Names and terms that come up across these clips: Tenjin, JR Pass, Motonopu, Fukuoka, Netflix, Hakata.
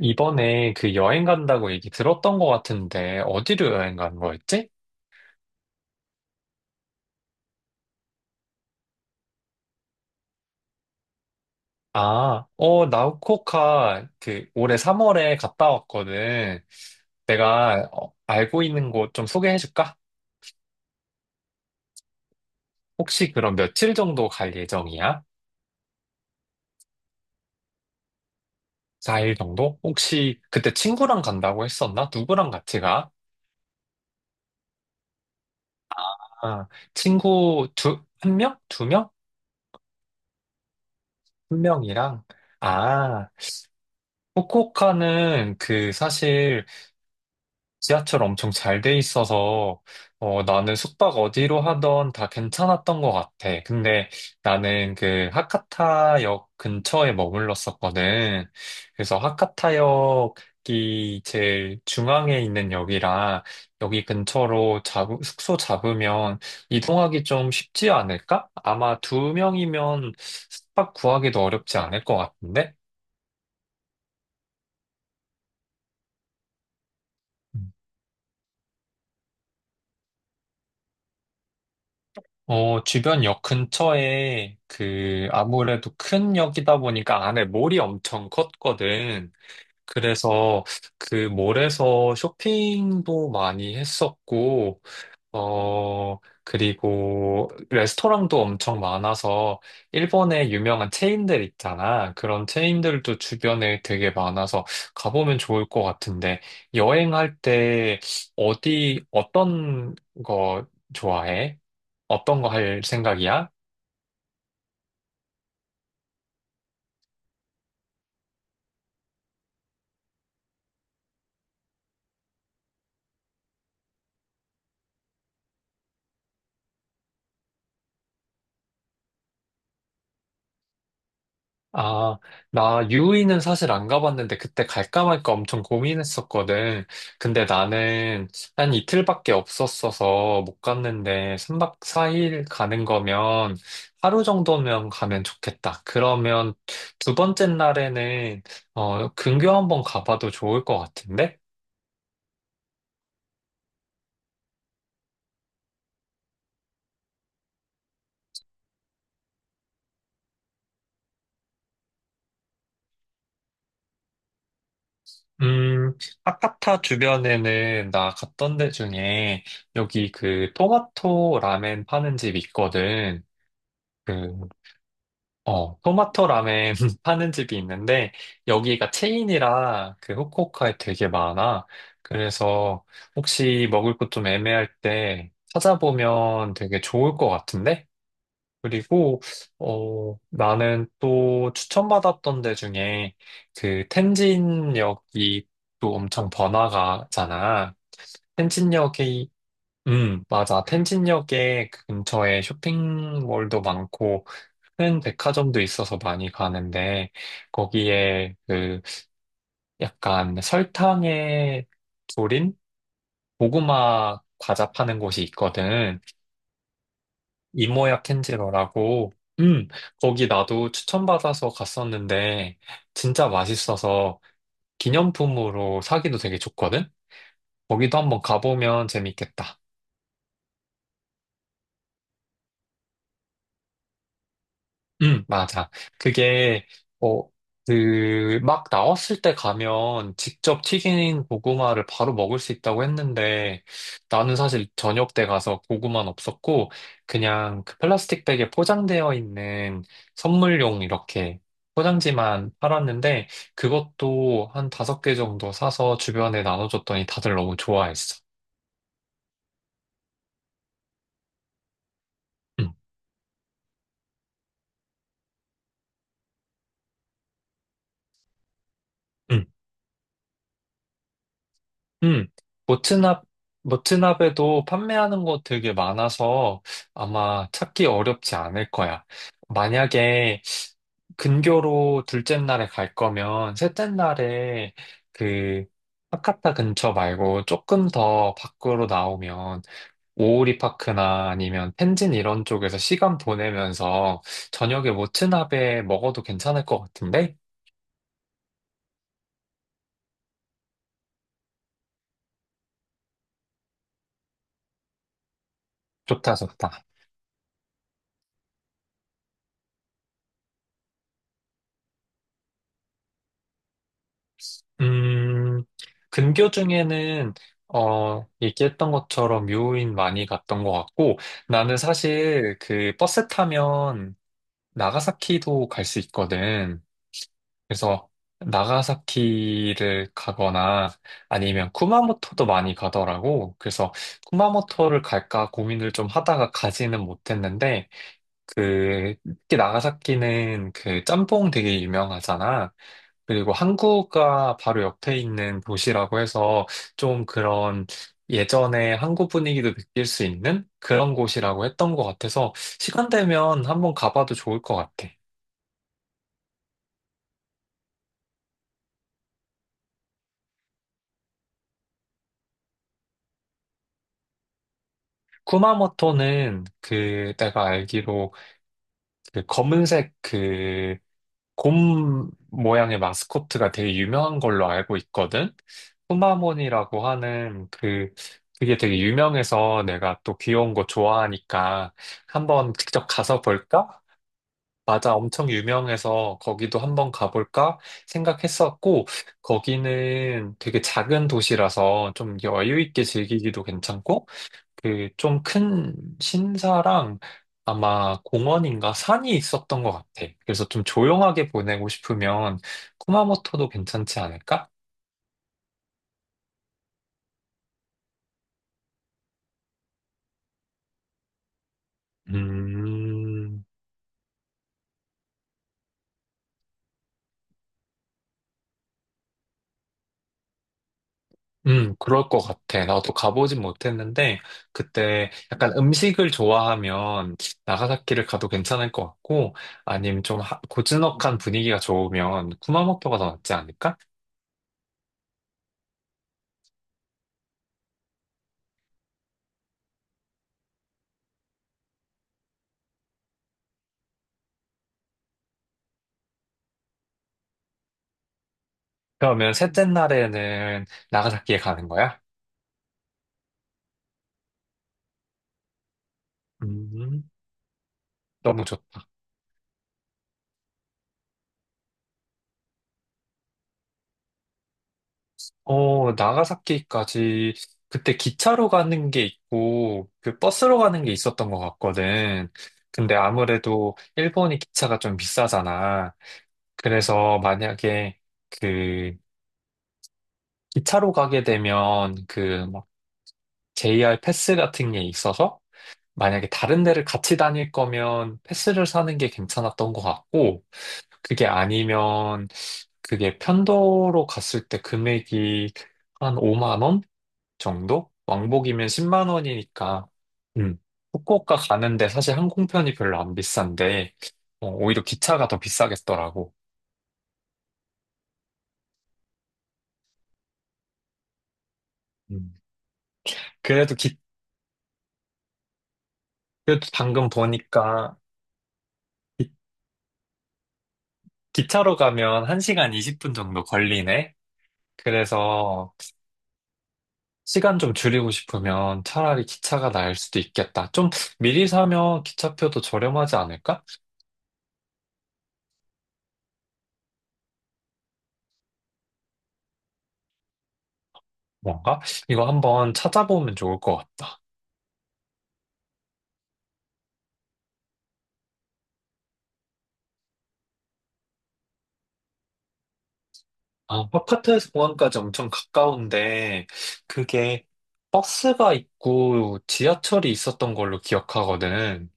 이번에 그 여행 간다고 얘기 들었던 것 같은데, 어디로 여행 간 거였지? 아, 나우코카 그 올해 3월에 갔다 왔거든. 내가 알고 있는 곳 좀 소개해 줄까? 혹시 그럼 며칠 정도 갈 예정이야? 4일 정도? 혹시 그때 친구랑 간다고 했었나? 누구랑 같이 가? 아, 한 명? 두 명? 한 명이랑? 아, 후쿠오카는 그 사실 지하철 엄청 잘 돼 있어서 나는 숙박 어디로 하던 다 괜찮았던 것 같아. 근데 나는 그 하카타역 근처에 머물렀었거든. 그래서 하카타역이 제일 중앙에 있는 역이라 여기 근처로 숙소 잡으면 이동하기 좀 쉽지 않을까? 아마 두 명이면 숙박 구하기도 어렵지 않을 것 같은데? 어, 주변 역 근처에 그 아무래도 큰 역이다 보니까 안에 몰이 엄청 컸거든. 그래서 그 몰에서 쇼핑도 많이 했었고, 어, 그리고 레스토랑도 엄청 많아서 일본에 유명한 체인들 있잖아. 그런 체인들도 주변에 되게 많아서 가보면 좋을 것 같은데 여행할 때 어떤 거 좋아해? 어떤 거 할 생각이야? 아, 나 유이는 사실 안 가봤는데 그때 갈까 말까 엄청 고민했었거든. 근데 나는 한 이틀밖에 없었어서 못 갔는데 3박 4일 가는 거면 하루 정도면 가면 좋겠다. 그러면 두 번째 날에는 어, 근교 한번 가봐도 좋을 것 같은데? 음, 아카타 주변에는 나 갔던 데 중에 여기 그 토마토 라멘 파는 집 있거든. 그 어, 토마토 라멘 파는 집이 있는데, 여기가 체인이라 그 후쿠오카에 되게 많아. 그래서 혹시 먹을 것 좀 애매할 때 찾아보면 되게 좋을 것 같은데? 그리고, 어, 나는 또 추천받았던 데 중에 그 텐진역이 또 엄청 번화가잖아. 텐진역에, 맞아. 텐진역에 그 근처에 쇼핑몰도 많고, 큰 백화점도 있어서 많이 가는데 거기에 그 약간 설탕에 졸인 고구마 과자 파는 곳이 있거든. 이모야 캔지로라고. 음, 거기 나도 추천받아서 갔었는데 진짜 맛있어서 기념품으로 사기도 되게 좋거든. 거기도 한번 가보면 재밌겠다. 응, 맞아. 그게, 어, 그, 막 나왔을 때 가면 직접 튀긴 고구마를 바로 먹을 수 있다고 했는데, 나는 사실 저녁 때 가서 고구마는 없었고, 그냥 그 플라스틱 백에 포장되어 있는 선물용 이렇게 포장지만 팔았는데, 그것도 한 다섯 개 정도 사서 주변에 나눠줬더니 다들 너무 좋아했어. 응, 응. 음, 모트납, 모트납에도 판매하는 곳 되게 많아서 아마 찾기 어렵지 않을 거야. 만약에 근교로 둘째 날에 갈 거면 셋째 날에 그 하카타 근처 말고 조금 더 밖으로 나오면 오오리 파크나 아니면 텐진 이런 쪽에서 시간 보내면서 저녁에 모트납에 먹어도 괜찮을 것 같은데? 좋다, 좋다. 음, 근교 중에는, 어, 얘기했던 것처럼 묘인 많이 갔던 것 같고, 나는 사실 그 버스 타면 나가사키도 갈 수 있거든. 그래서 나가사키를 가거나 아니면 쿠마모토도 많이 가더라고. 그래서 쿠마모토를 갈까 고민을 좀 하다가 가지는 못했는데, 그, 특히 나가사키는 그 짬뽕 되게 유명하잖아. 그리고 한국과 바로 옆에 있는 도시라고 해서 좀 그런 예전에 한국 분위기도 느낄 수 있는 그런 곳이라고 했던 것 같아서 시간 되면 한번 가봐도 좋을 것 같아. 쿠마모토는 그 내가 알기로 그 검은색 그 곰 모양의 마스코트가 되게 유명한 걸로 알고 있거든. 푸마몬이라고 하는 그, 그게 되게 유명해서 내가 또 귀여운 거 좋아하니까 한번 직접 가서 볼까? 맞아, 엄청 유명해서 거기도 한번 가볼까 생각했었고, 거기는 되게 작은 도시라서 좀 여유 있게 즐기기도 괜찮고, 그 좀 큰 신사랑 아마 공원인가 산이 있었던 것 같아. 그래서 좀 조용하게 보내고 싶으면 쿠마모토도 괜찮지 않을까? 음, 그럴 것 같아. 나도 가보진 못했는데 그때 약간 음식을 좋아하면 나가사키를 가도 괜찮을 것 같고 아니면 좀 고즈넉한 분위기가 좋으면 쿠마모토가 더 낫지 않을까? 그러면 셋째 날에는 나가사키에 가는 거야? 음, 너무 좋다. 어, 나가사키까지 그때 기차로 가는 게 있고 그 버스로 가는 게 있었던 것 같거든. 근데 아무래도 일본이 기차가 좀 비싸잖아. 그래서 만약에 그 기차로 가게 되면 그막 JR 패스 같은 게 있어서 만약에 다른 데를 같이 다닐 거면 패스를 사는 게 괜찮았던 것 같고 그게 아니면 그게 편도로 갔을 때 금액이 한 5만 원? 정도? 왕복이면 10만 원이니까, 음, 후쿠오카 가는데 사실 항공편이 별로 안 비싼데, 어, 오히려 기차가 더 비싸겠더라고. 음. 그래도 기, 그래도 방금 보니까 차로 가면 1시간 20분 정도 걸리네? 그래서 시간 좀 줄이고 싶으면 차라리 기차가 나을 수도 있겠다. 좀 미리 사면 기차표도 저렴하지 않을까? 뭔가? 이거 한번 찾아보면 좋을 것 같다. 아, 파파트에서 공항까지 엄청 가까운데, 그게 버스가 있고 지하철이 있었던 걸로 기억하거든.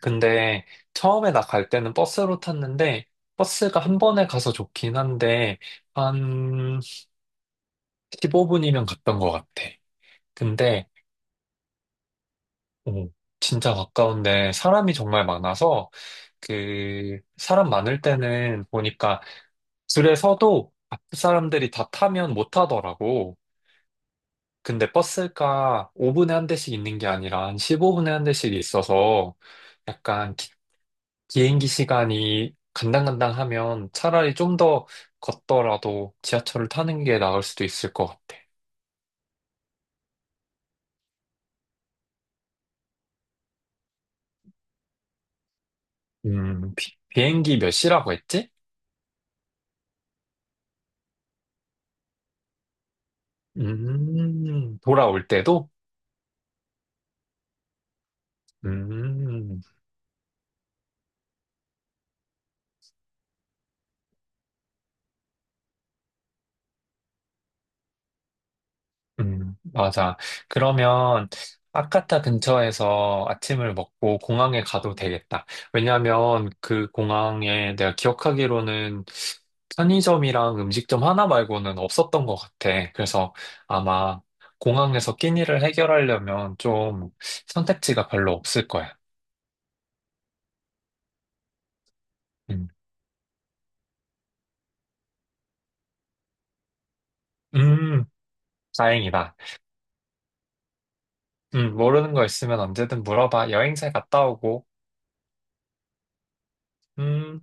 근데 처음에 나 갈 때는 버스로 탔는데, 버스가 한 번에 가서 좋긴 한데, 한 15분이면 갔던 것 같아. 근데, 오, 진짜 가까운데 사람이 정말 많아서, 그, 사람 많을 때는 보니까 줄에 서도 앞 사람들이 다 타면 못 타더라고. 근데 버스가 5분에 한 대씩 있는 게 아니라 한 15분에 한 대씩 있어서 약간 행기 시간이 간당간당하면 차라리 좀 더 걷더라도 지하철을 타는 게 나을 수도 있을 것 같아. 비행기 몇 시라고 했지? 돌아올 때도? 음. 맞아. 그러면 아카타 근처에서 아침을 먹고 공항에 가도 되겠다. 왜냐면 그 공항에 내가 기억하기로는 편의점이랑 음식점 하나 말고는 없었던 것 같아. 그래서 아마 공항에서 끼니를 해결하려면 좀 선택지가 별로 없을 거야. 음, 음, 다행이다. 모르는 거 있으면 언제든 물어봐. 여행 잘 갔다 오고. 음.